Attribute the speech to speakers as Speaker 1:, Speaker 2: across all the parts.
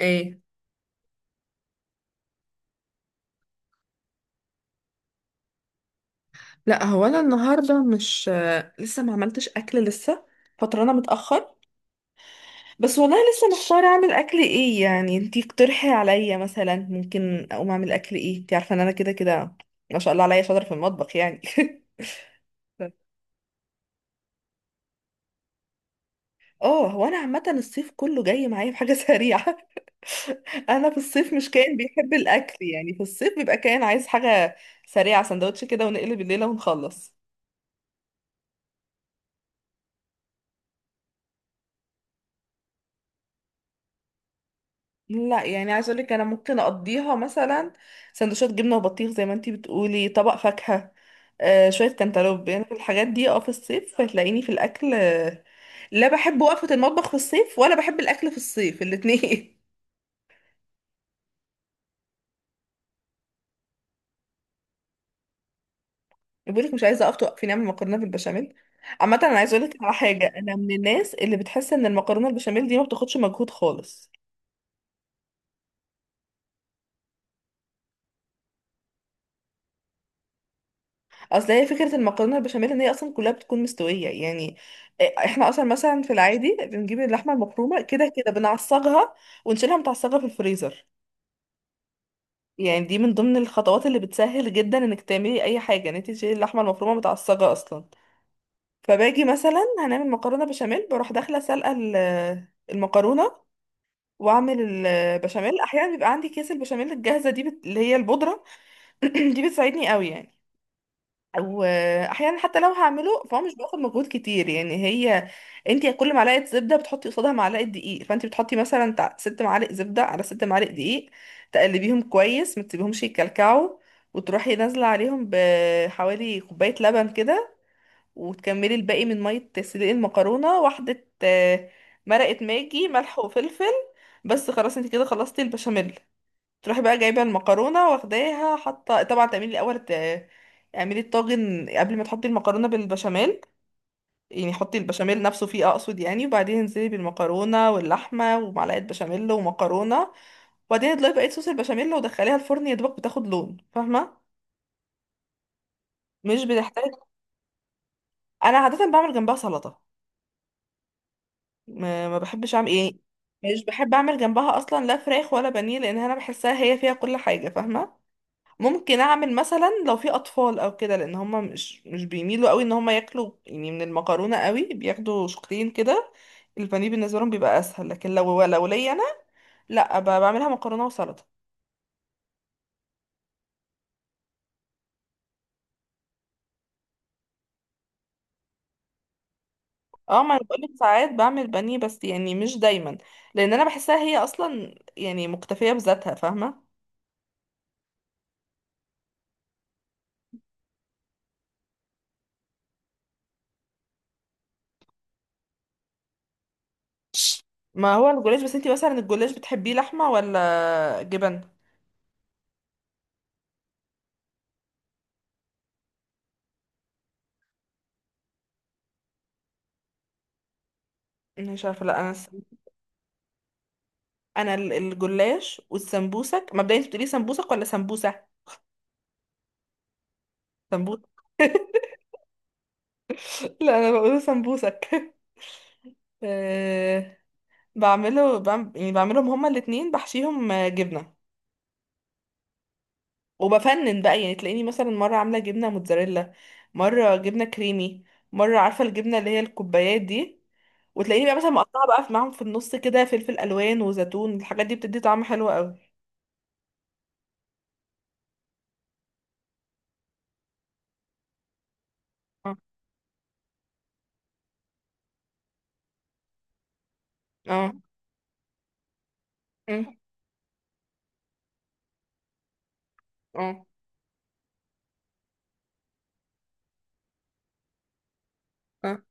Speaker 1: ايه. لا هو انا النهارده مش لسه ما عملتش اكل لسه. فطرانه متاخر. بس والله لسه محتاره اعمل اكل ايه، يعني انتي اقترحي عليا مثلا ممكن اقوم اعمل اكل ايه. انتي عارفه ان انا كده كده ما شاء الله عليا شاطره في المطبخ يعني. اه، هو انا عامه الصيف كله جاي معايا بحاجه سريعه. انا في الصيف مش كائن بيحب الاكل، يعني في الصيف بيبقى كائن عايز حاجه سريعه، سندوتش كده ونقلب الليله ونخلص. لا يعني عايزه اقول لك انا ممكن اقضيها مثلا سندوتشات جبنه وبطيخ زي ما انتي بتقولي، طبق فاكهه، آه شويه كانتالوب، يعني في الحاجات دي. اه، في الصيف هتلاقيني في الاكل، لا بحب وقفه المطبخ في الصيف ولا بحب الاكل في الصيف، الاتنين. بقول لك مش عايزه اقف، توقفيني اعمل مكرونه بالبشاميل. عامه انا عايزه اقول لك على حاجه، انا من الناس اللي بتحس ان المكرونه البشاميل دي ما بتاخدش مجهود خالص. اصل هي فكره المكرونه البشاميل ان هي اصلا كلها بتكون مستويه، يعني احنا اصلا مثلا في العادي بنجيب اللحمه المفرومه كده كده بنعصجها ونشيلها متعصجه في الفريزر. يعني دي من ضمن الخطوات اللي بتسهل جدا انك تعملي اي حاجه، ان انت تشيلي اللحمه المفرومه متعصجه اصلا. فباجي مثلا هنعمل مكرونه بشاميل بروح داخله سالقه المكرونه واعمل البشاميل. احيانا بيبقى عندي كيس البشاميل الجاهزه دي اللي هي البودره. دي بتساعدني قوي يعني. واحيانا حتى لو هعمله فهو مش بياخد مجهود كتير يعني. هي انت كل معلقه زبده بتحطي قصادها معلقه دقيق، فانت بتحطي مثلا ست معالق زبده على ست معالق دقيق، تقلبيهم كويس ما تسيبيهمش يتكلكعوا، وتروحي نازله عليهم بحوالي كوبايه لبن كده، وتكملي الباقي من ميه تسليق المكرونه، واحده مرقه ماجي ملح وفلفل. بس خلاص انت كده خلصتي البشاميل. تروحي بقى جايبه المكرونه واخداها حاطه، طبعا تعملي الاول اعملي الطاجن قبل ما تحطي المكرونه بالبشاميل، يعني حطي البشاميل نفسه فيه اقصد يعني، وبعدين انزلي بالمكرونه واللحمه ومعلقه بشاميل ومكرونه، وبعدين اضيفي بقيه صوص البشاميل ودخليها الفرن يا دوبك بتاخد لون، فاهمه؟ مش بتحتاج. انا عاده بعمل جنبها سلطه. ما بحبش اعمل ايه، مش بحب اعمل جنبها اصلا لا فراخ ولا بانيه، لان انا بحسها هي فيها كل حاجه فاهمه. ممكن اعمل مثلا لو في اطفال او كده، لان هما مش بيميلوا قوي ان هما ياكلوا يعني من المكرونه قوي، بياخدوا شقين كده. البانيه بالنسبه لهم بيبقى اسهل، لكن لو ليا انا لا، بعملها مكرونه وسلطه. اه، ما انا بقولك ساعات بعمل بانيه بس يعني مش دايما، لان انا بحسها هي اصلا يعني مكتفيه بذاتها فاهمه. ما هو الجلاش، بس انتي مثلا الجلاش بتحبيه لحمه ولا جبن؟ مش عارفه. لا انا انا الجلاش والسمبوسك، مبدئيا انت بتقولي سمبوسك ولا سمبوسه؟ سمبوسة. لا انا بقوله سمبوسك. أه، يعني بعملهم هما الاتنين، بحشيهم جبنة، وبفنن بقى يعني، تلاقيني مثلا مرة عاملة جبنة موتزاريلا، مرة جبنة كريمي، مرة عارفة الجبنة اللي هي الكوبايات دي. وتلاقيني بقى مثلا مقطعة بقى معاهم في النص كده فلفل ألوان وزيتون، الحاجات دي بتدي طعم حلو قوي. اه. اه. أمم. اه. اه.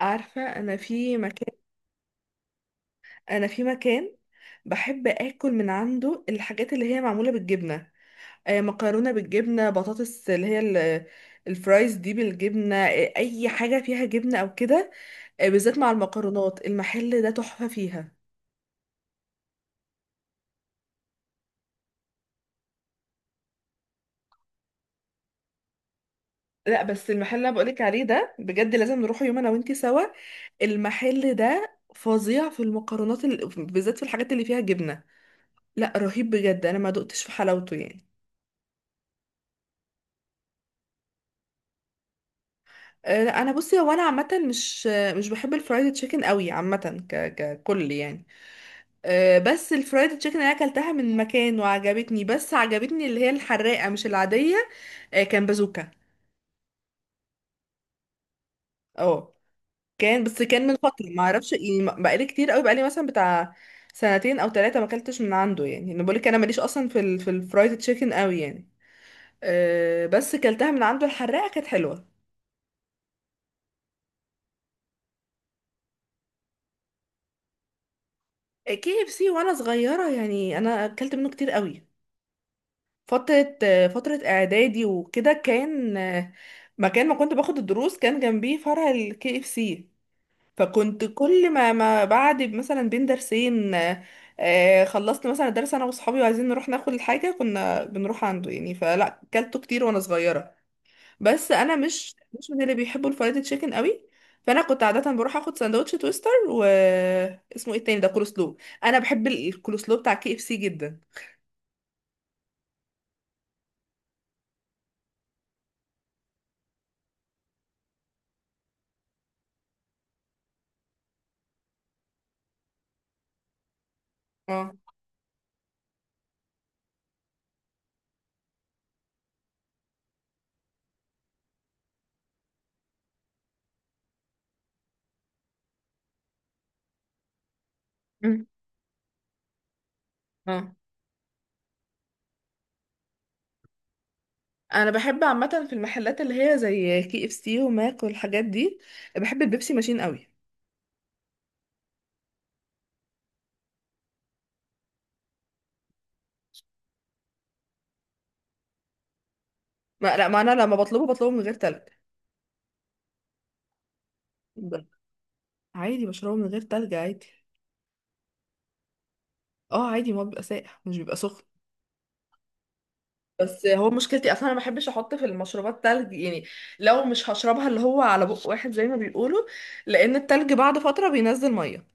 Speaker 1: عارفة، أنا في مكان، أنا في مكان بحب آكل من عنده الحاجات اللي هي معمولة بالجبنة، مكرونه بالجبنه، بطاطس اللي هي الفرايز دي بالجبنه، اي حاجه فيها جبنه او كده. بالذات مع المكرونات، المحل ده تحفه فيها. لا بس المحل اللي أنا بقولك عليه ده بجد لازم نروح يوم انا وانتي سوا. المحل ده فظيع في المكرونات، بالذات في الحاجات اللي فيها جبنه. لا رهيب بجد، انا ما دقتش في حلاوته يعني. لا انا بصي، هو انا عامه مش بحب الفرايد تشيكن قوي عامه ككل يعني. بس الفرايد تشيكن اللي انا اكلتها من مكان وعجبتني، بس عجبتني اللي هي الحراقه مش العاديه. كان بازوكا. اه، كان، بس كان من فتره ما اعرفش يعني، بقالي كتير قوي، بقالي مثلا بتاع سنتين او ثلاثه ما اكلتش من عنده. يعني انا بقولك انا ماليش اصلا في الفرايد تشيكن قوي يعني. أه، بس كلتها من عنده الحراقه كانت حلوه. كي اف سي وانا صغيره يعني انا اكلت منه كتير قوي، فتره فتره اعدادي وكده، كان مكان ما كنت باخد الدروس كان جنبيه فرع الكي اف سي. فكنت كل ما، ما بعد مثلا بين درسين، خلصت مثلا درس انا واصحابي وعايزين نروح ناخد الحاجه كنا بنروح عنده يعني، فلا كلته كتير وانا صغيره. بس انا مش من اللي بيحبوا الفرايد تشيكن قوي، فانا كنت عاده بروح اخد سندوتش تويستر، و اسمه ايه التاني ده، كولسلو. انا بحب الكولسلو بتاع كي اف سي جدا. اه. مم. اه. انا بحب عامه في المحلات اللي هي زي كي اف سي وماك والحاجات دي، بحب البيبسي ماشين قوي. ما لا، ما انا لما بطلبه بطلبه من غير تلج. ب- عادي بشربه من غير تلج عادي. اه عادي، ما هو بيبقى ساقع مش بيبقى سخن. بس هو مشكلتي اصلا انا ما بحبش احط في المشروبات تلج يعني، لو مش هشربها اللي هو على بق واحد زي ما بيقولوا، لان التلج بعد فتره بينزل ميه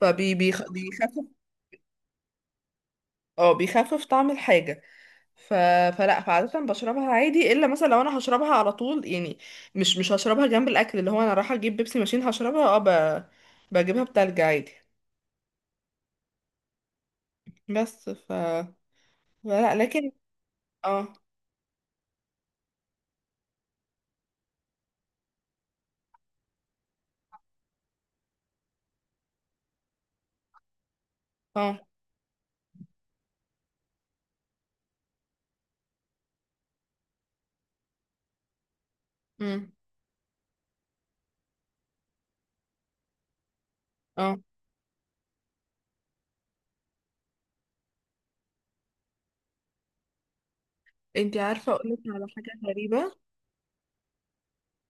Speaker 1: فبيخفف. اه بيخفف طعم الحاجه ف... فلا فعاده بشربها عادي، الا مثلا لو انا هشربها على طول يعني، مش هشربها جنب الاكل. اللي هو انا رايحه اجيب بيبسي ماشين هشربها، اه، بجيبها بتلج عادي. بس ف لا لكن اه. اه. مم. اه. انتي عارفة اقولك على حاجة غريبة،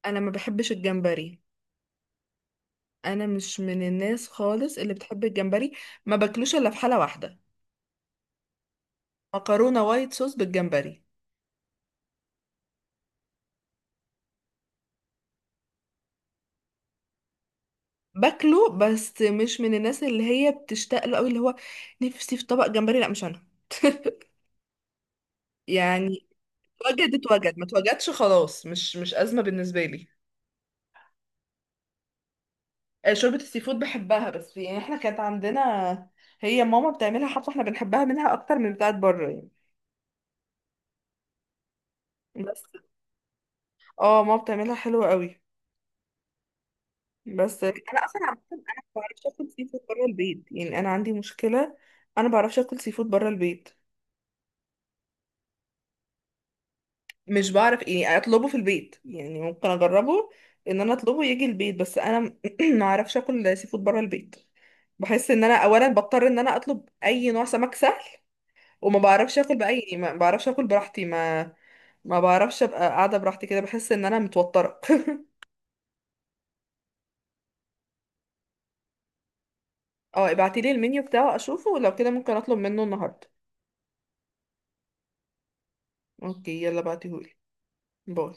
Speaker 1: انا ما بحبش الجمبري. انا مش من الناس خالص اللي بتحب الجمبري، ما باكلوش الا في حالة واحدة: مكرونة وايت صوص بالجمبري. باكله بس مش من الناس اللي هي بتشتاق له قوي، اللي هو نفسي في طبق جمبري، لا مش انا. يعني اتوجد ما اتوجدش خلاص، مش ازمة بالنسبة لي. شوربة السي فود بحبها، بس يعني احنا كانت عندنا، هي ماما بتعملها، حتى احنا بنحبها منها اكتر من بتاعت بره يعني. بس اه ماما بتعملها حلوة قوي. بس انا اصلا عامة انا ما بعرفش اكل سي فود بره البيت، يعني انا عندي مشكلة، انا ما بعرفش اكل سي فود بره البيت. مش بعرف ايه اطلبه في البيت، يعني ممكن اجربه ان انا اطلبه يجي البيت، بس انا ما اعرفش اكل سي فود بره البيت. بحس ان انا اولا بضطر ان انا اطلب اي نوع سمك سهل، وما بعرفش اكل، باي ما بعرفش اكل براحتي، ما ما بعرفش ابقى قاعدة براحتي كده، بحس ان انا متوترة. اه ابعتيلي المنيو بتاعه اشوفه، ولو كده ممكن اطلب منه النهاردة. اوكي يلا بعتيهولي. باي.